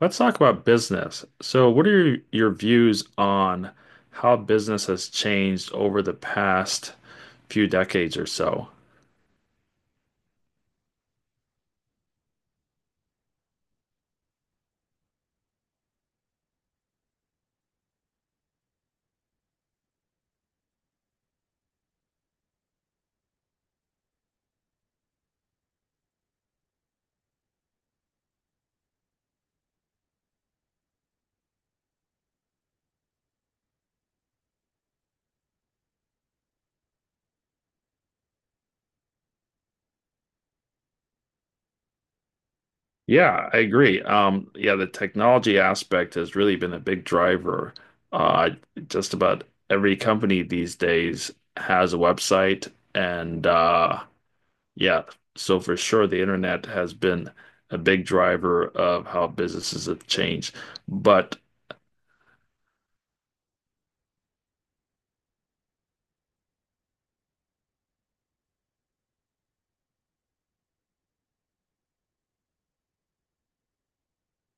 Let's talk about business. So, what are your views on how business has changed over the past few decades or so? Yeah, I agree. Yeah, the technology aspect has really been a big driver. Uh, just about every company these days has a website, and yeah, so for sure, the internet has been a big driver of how businesses have changed. But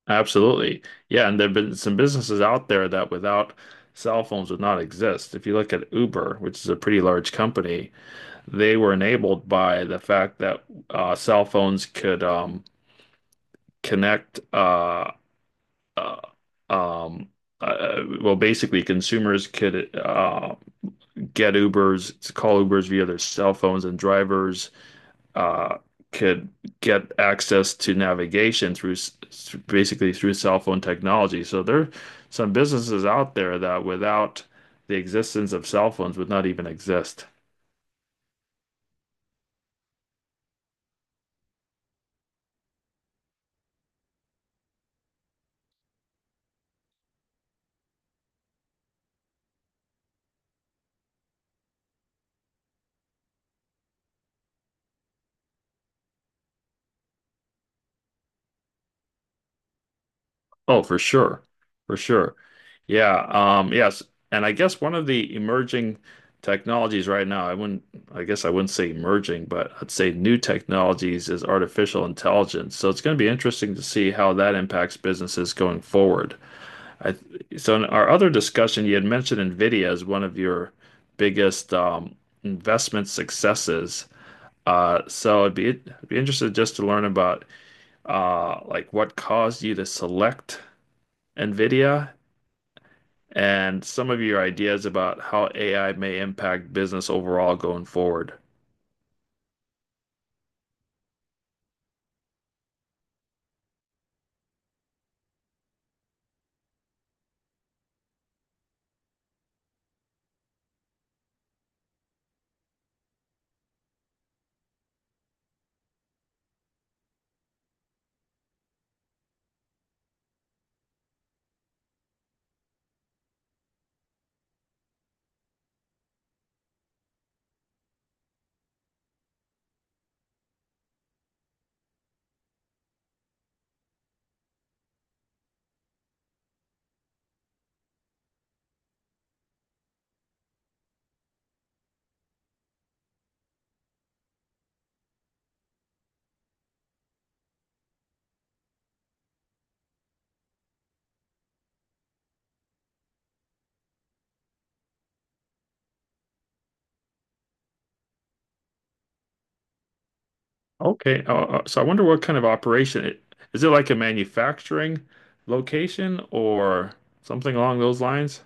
absolutely. Yeah, and there've been some businesses out there that without cell phones would not exist. If you look at Uber, which is a pretty large company, they were enabled by the fact that cell phones could connect uh, um, well, basically consumers could get Ubers, call Ubers via their cell phones, and drivers uh, could get access to navigation through basically through cell phone technology. So there are some businesses out there that without the existence of cell phones would not even exist. Oh, for sure. For sure. Yeah. Yes. And I guess one of the emerging technologies right now, I guess I wouldn't say emerging, but I'd say new technologies is artificial intelligence. So it's going to be interesting to see how that impacts businesses going forward. I So in our other discussion, you had mentioned NVIDIA as one of your biggest investment successes. So I'd be interested just to learn about like what caused you to select NVIDIA and some of your ideas about how AI may impact business overall going forward. Okay, so I wonder what kind of operation it, is it like a manufacturing location or something along those lines?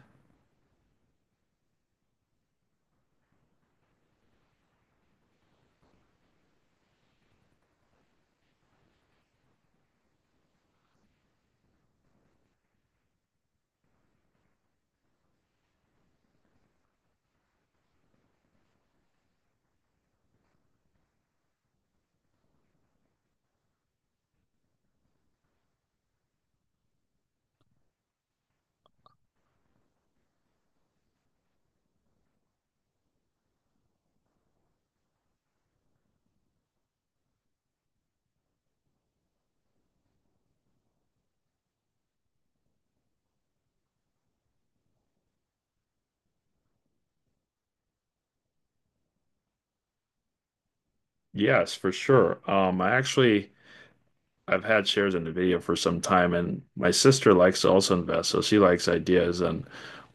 Yes, for sure. I've had shares in NVIDIA for some time, and my sister likes to also invest, so she likes ideas on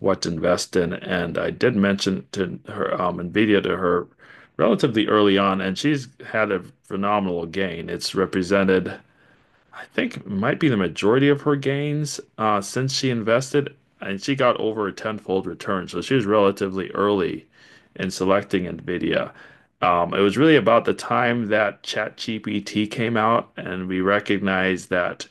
what to invest in. And I did mention to her NVIDIA to her relatively early on, and she's had a phenomenal gain. It's represented I think it might be the majority of her gains since she invested, and she got over a tenfold return. So she was relatively early in selecting NVIDIA. It was really about the time that ChatGPT came out, and we recognized that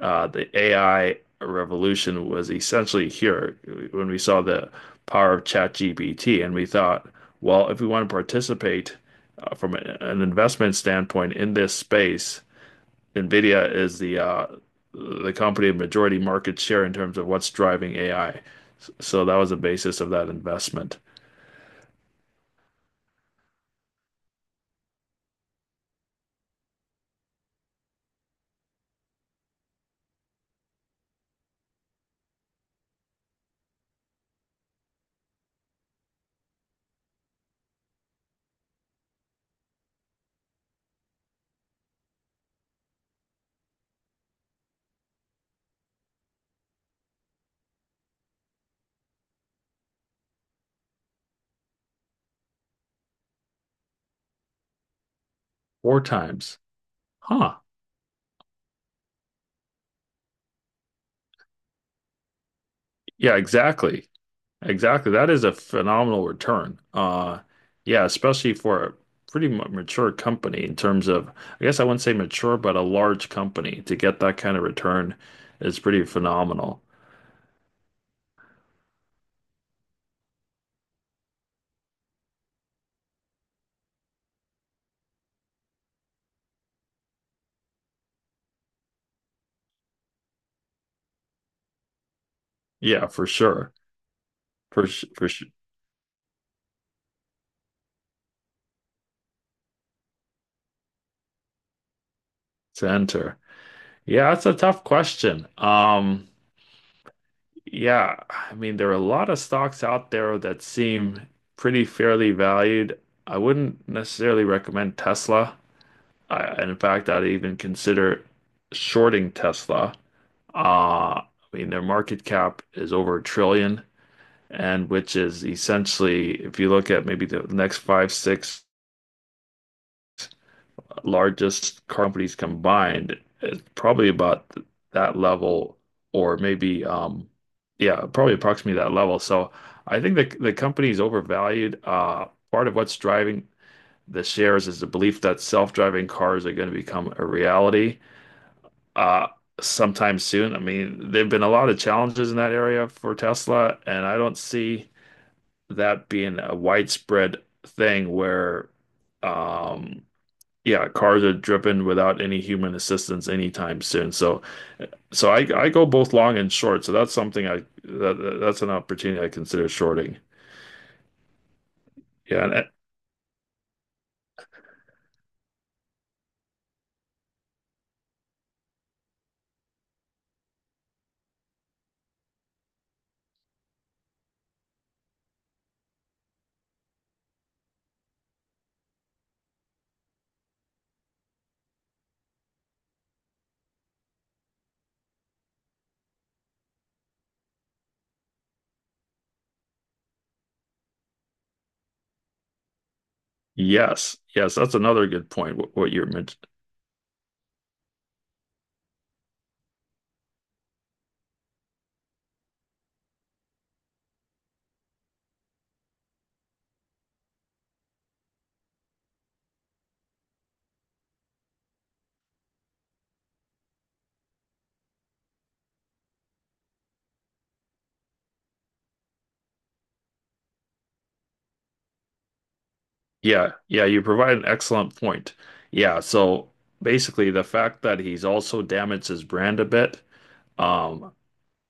the AI revolution was essentially here when we saw the power of ChatGPT, and we thought, well, if we want to participate from an investment standpoint in this space, NVIDIA is the company of majority market share in terms of what's driving AI. So that was the basis of that investment. Four times. Huh. Yeah, exactly. Exactly. That is a phenomenal return. Yeah, especially for a pretty mature company in terms of, I guess I wouldn't say mature, but a large company to get that kind of return is pretty phenomenal. Yeah, for sure. For, s- for s- to enter. Yeah, that's a tough question. Yeah, I mean, there are a lot of stocks out there that seem pretty fairly valued. I wouldn't necessarily recommend Tesla. And in fact, I'd even consider shorting Tesla. I mean, their market cap is over a trillion, and which is essentially, if you look at maybe the next five, six largest car companies combined is probably about that level, or maybe yeah, probably approximately that level. So I think the company is overvalued. Part of what's driving the shares is the belief that self-driving cars are going to become a reality uh sometime soon. I mean, there've been a lot of challenges in that area for Tesla, and I don't see that being a widespread thing where um yeah, cars are driven without any human assistance anytime soon. So, so I go both long and short. So that's something that's an opportunity I consider shorting. Yeah, and, yes, yes, that's another good point. What you're meant. Yeah, yeah, you provide an excellent point. Yeah, so basically the fact that he's also damaged his brand a bit, um,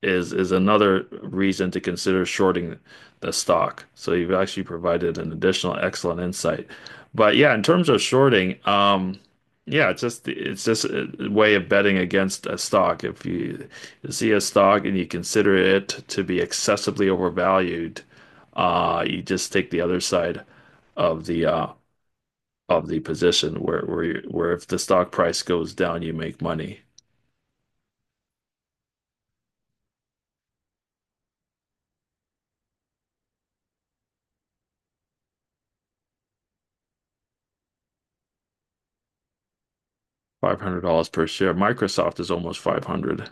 is another reason to consider shorting the stock. So you've actually provided an additional excellent insight. But yeah, in terms of shorting, yeah, it's just a way of betting against a stock. If you see a stock and you consider it to be excessively overvalued, you just take the other side of the uh, of the position, where you, where if the stock price goes down, you make money. $500 per share. Microsoft is almost 500.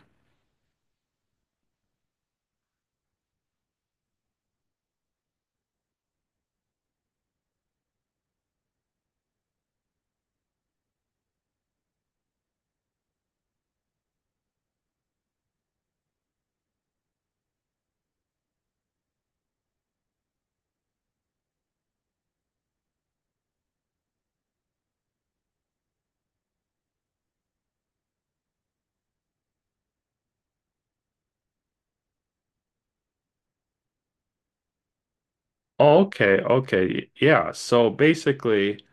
Okay, okay. Yeah. So basically,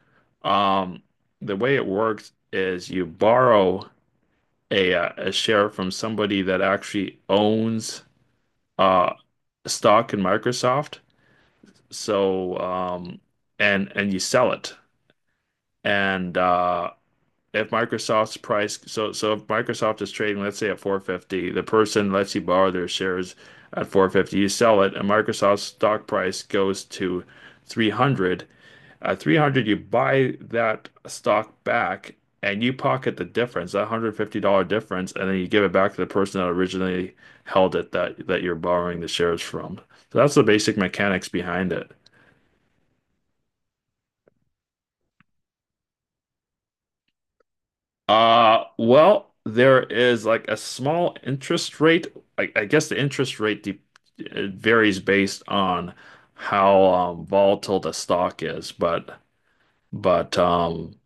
um, the way it works is you borrow a share from somebody that actually owns uh stock in Microsoft. So um and you sell it. And If Microsoft's price, if Microsoft is trading, let's say at 450, the person lets you borrow their shares at 450, you sell it, and Microsoft's stock price goes to 300. At 300, you buy that stock back and you pocket the difference, that $150 difference, and then you give it back to the person that originally held it, that that you're borrowing the shares from. So that's the basic mechanics behind it. Well, there is like a small interest rate. I guess the interest rate de it varies based on how volatile the stock is, but but um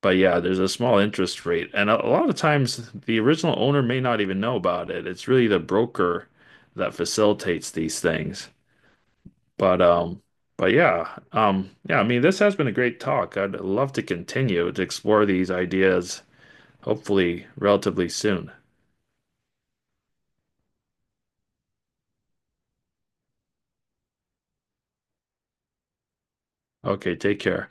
but yeah, there's a small interest rate, and a lot of times the original owner may not even know about it. It's really the broker that facilitates these things. But um but yeah, yeah, I mean this has been a great talk. I'd love to continue to explore these ideas hopefully relatively soon. Okay, take care.